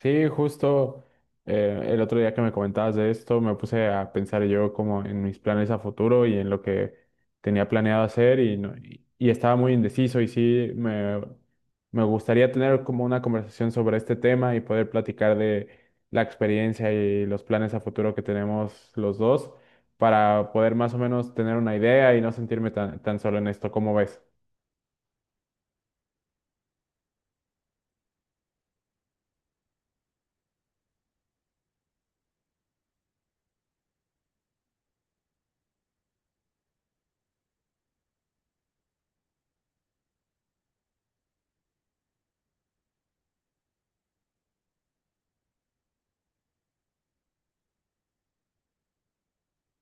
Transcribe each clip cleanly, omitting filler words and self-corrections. Sí, justo el otro día que me comentabas de esto, me puse a pensar yo como en mis planes a futuro y en lo que tenía planeado hacer y, no- y estaba muy indeciso y sí, me gustaría tener como una conversación sobre este tema y poder platicar de la experiencia y los planes a futuro que tenemos los dos para poder más o menos tener una idea y no sentirme tan, tan solo en esto, ¿cómo ves?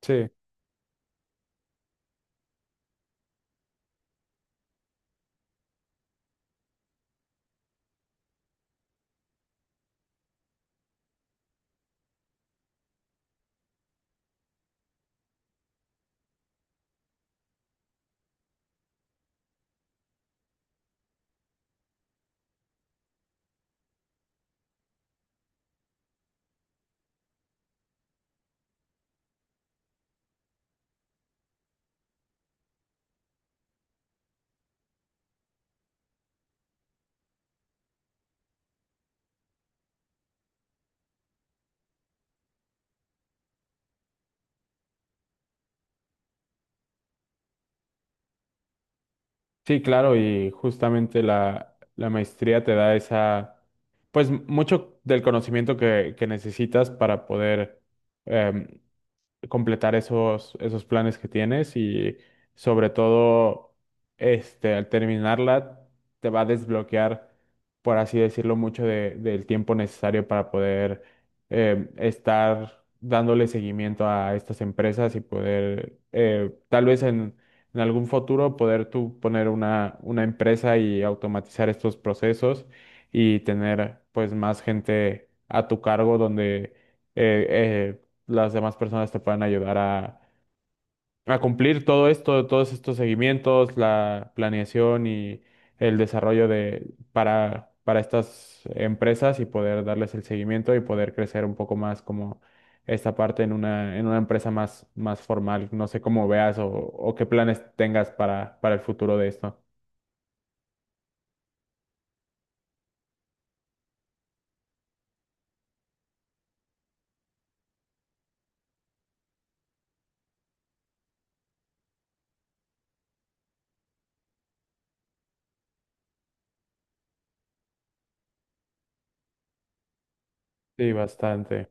Sí. Sí, claro, y justamente la maestría te da esa, pues mucho del conocimiento que necesitas para poder em, completar esos planes que tienes y sobre todo, este, al terminarla, te va a desbloquear, por así decirlo, del tiempo necesario para poder estar dándole seguimiento a estas empresas y poder, tal vez en algún futuro, poder tú poner una empresa y automatizar estos procesos y tener pues más gente a tu cargo donde... eh, eh, las demás personas te puedan ayudar a cumplir todo esto, todos estos seguimientos, la planeación y el desarrollo para estas empresas y poder darles el seguimiento y poder crecer un poco más como esta parte en una empresa más, más formal. No sé cómo veas o qué planes tengas para el futuro de esto. Sí, bastante.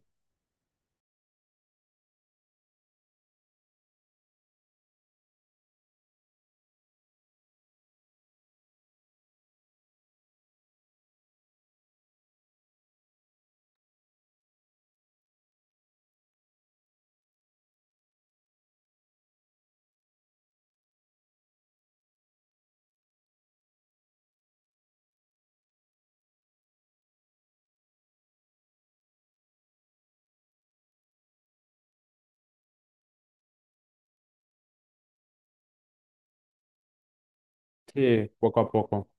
Sí, poco a poco.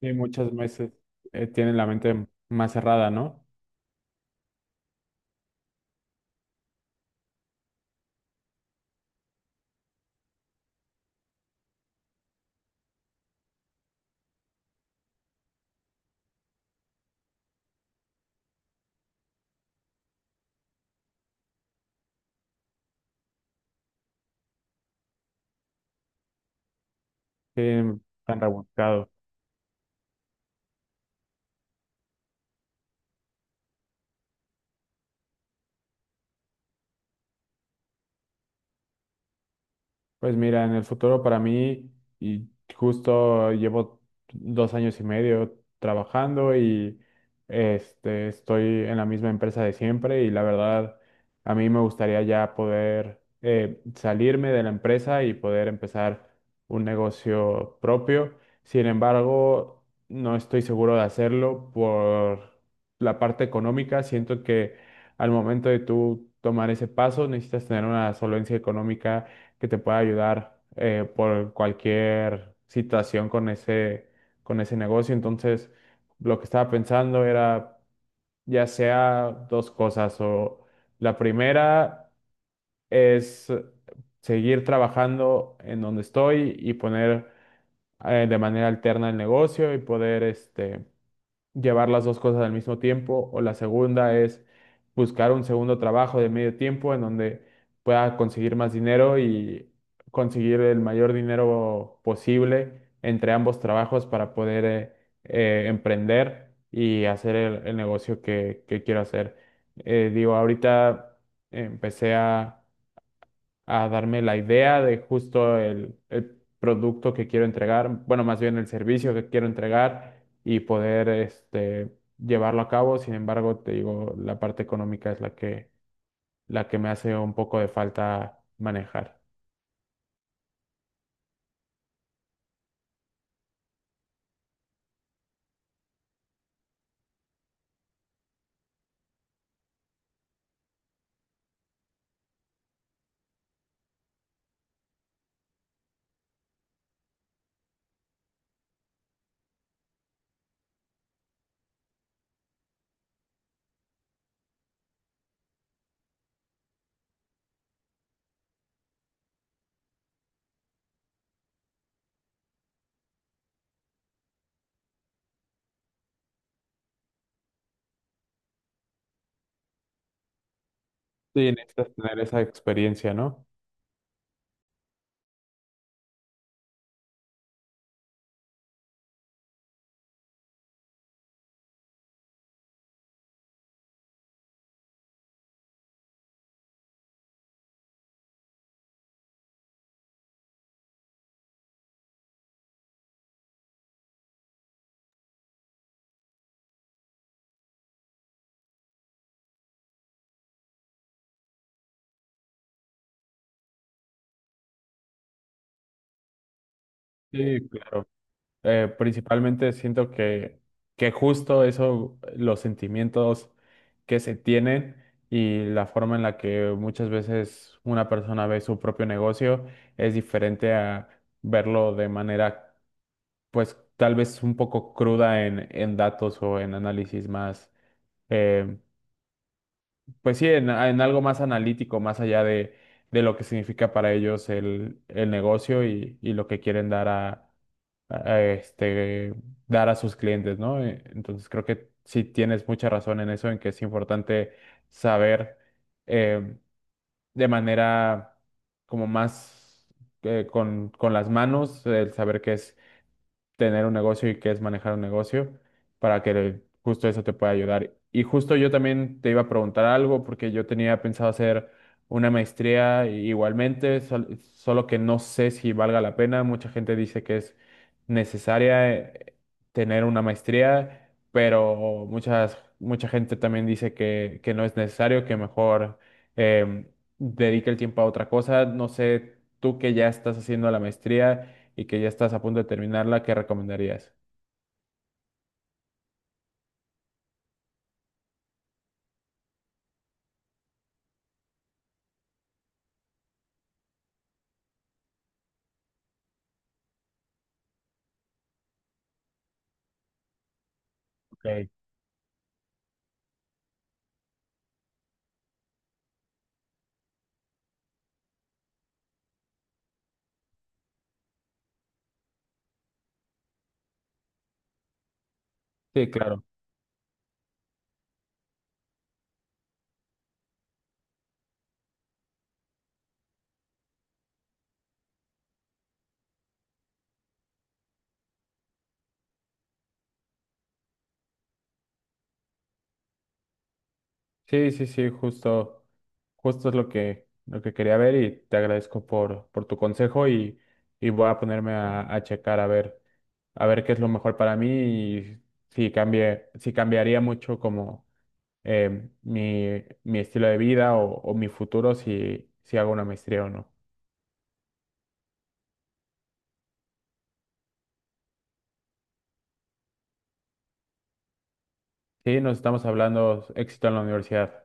Sí, muchas veces tienen la mente más cerrada, ¿no? Sí, tan rebuscado. Pues mira, en el futuro para mí, y justo llevo dos años y medio trabajando y estoy en la misma empresa de siempre y la verdad, a mí me gustaría ya poder salirme de la empresa y poder empezar un negocio propio. Sin embargo, no estoy seguro de hacerlo por la parte económica. Siento que al momento de tú tomar ese paso, necesitas tener una solvencia económica que te pueda ayudar por cualquier situación con ese negocio. Entonces, lo que estaba pensando era ya sea dos cosas o la primera es seguir trabajando en donde estoy y poner de manera alterna el negocio y poder llevar las dos cosas al mismo tiempo, o la segunda es buscar un segundo trabajo de medio tiempo en donde pueda conseguir más dinero y conseguir el mayor dinero posible entre ambos trabajos para poder emprender y hacer el negocio que quiero hacer. Digo, ahorita empecé a darme la idea de justo el producto que quiero entregar, bueno, más bien el servicio que quiero entregar y poder este, llevarlo a cabo. Sin embargo, te digo, la parte económica es la que me hace un poco de falta manejar. Sí, necesitas tener esa experiencia, ¿no? Sí, claro. Principalmente siento que justo eso, los sentimientos que se tienen y la forma en la que muchas veces una persona ve su propio negocio es diferente a verlo de manera, pues tal vez un poco cruda en datos o en análisis más eh, pues sí, en algo más analítico, más allá de lo que significa para ellos el negocio y lo que quieren dar a- este, dar a sus clientes, ¿no? Entonces creo que sí tienes mucha razón en eso, en que es importante saber eh, de manera como más con las manos, el saber qué es tener un negocio y qué es manejar un negocio para que justo eso te pueda ayudar. Y justo yo también te iba a preguntar algo porque yo tenía pensado hacer una maestría igualmente, solo que no sé si valga la pena. Mucha gente dice que es necesaria tener una maestría, pero mucha gente también dice que no es necesario, que mejor em, dedique el tiempo a otra cosa. No sé, tú que ya estás haciendo la maestría y que ya estás a punto de terminarla, ¿qué recomendarías? Okay. Sí, claro. Sí, sí, sí, justo, justo es lo que quería ver y te agradezco por tu consejo y voy a ponerme a checar a ver qué es lo mejor para mí y si cambiaría mucho como mi estilo de vida o mi futuro si, si hago una maestría o no. Sí, nos estamos hablando, éxito en la universidad.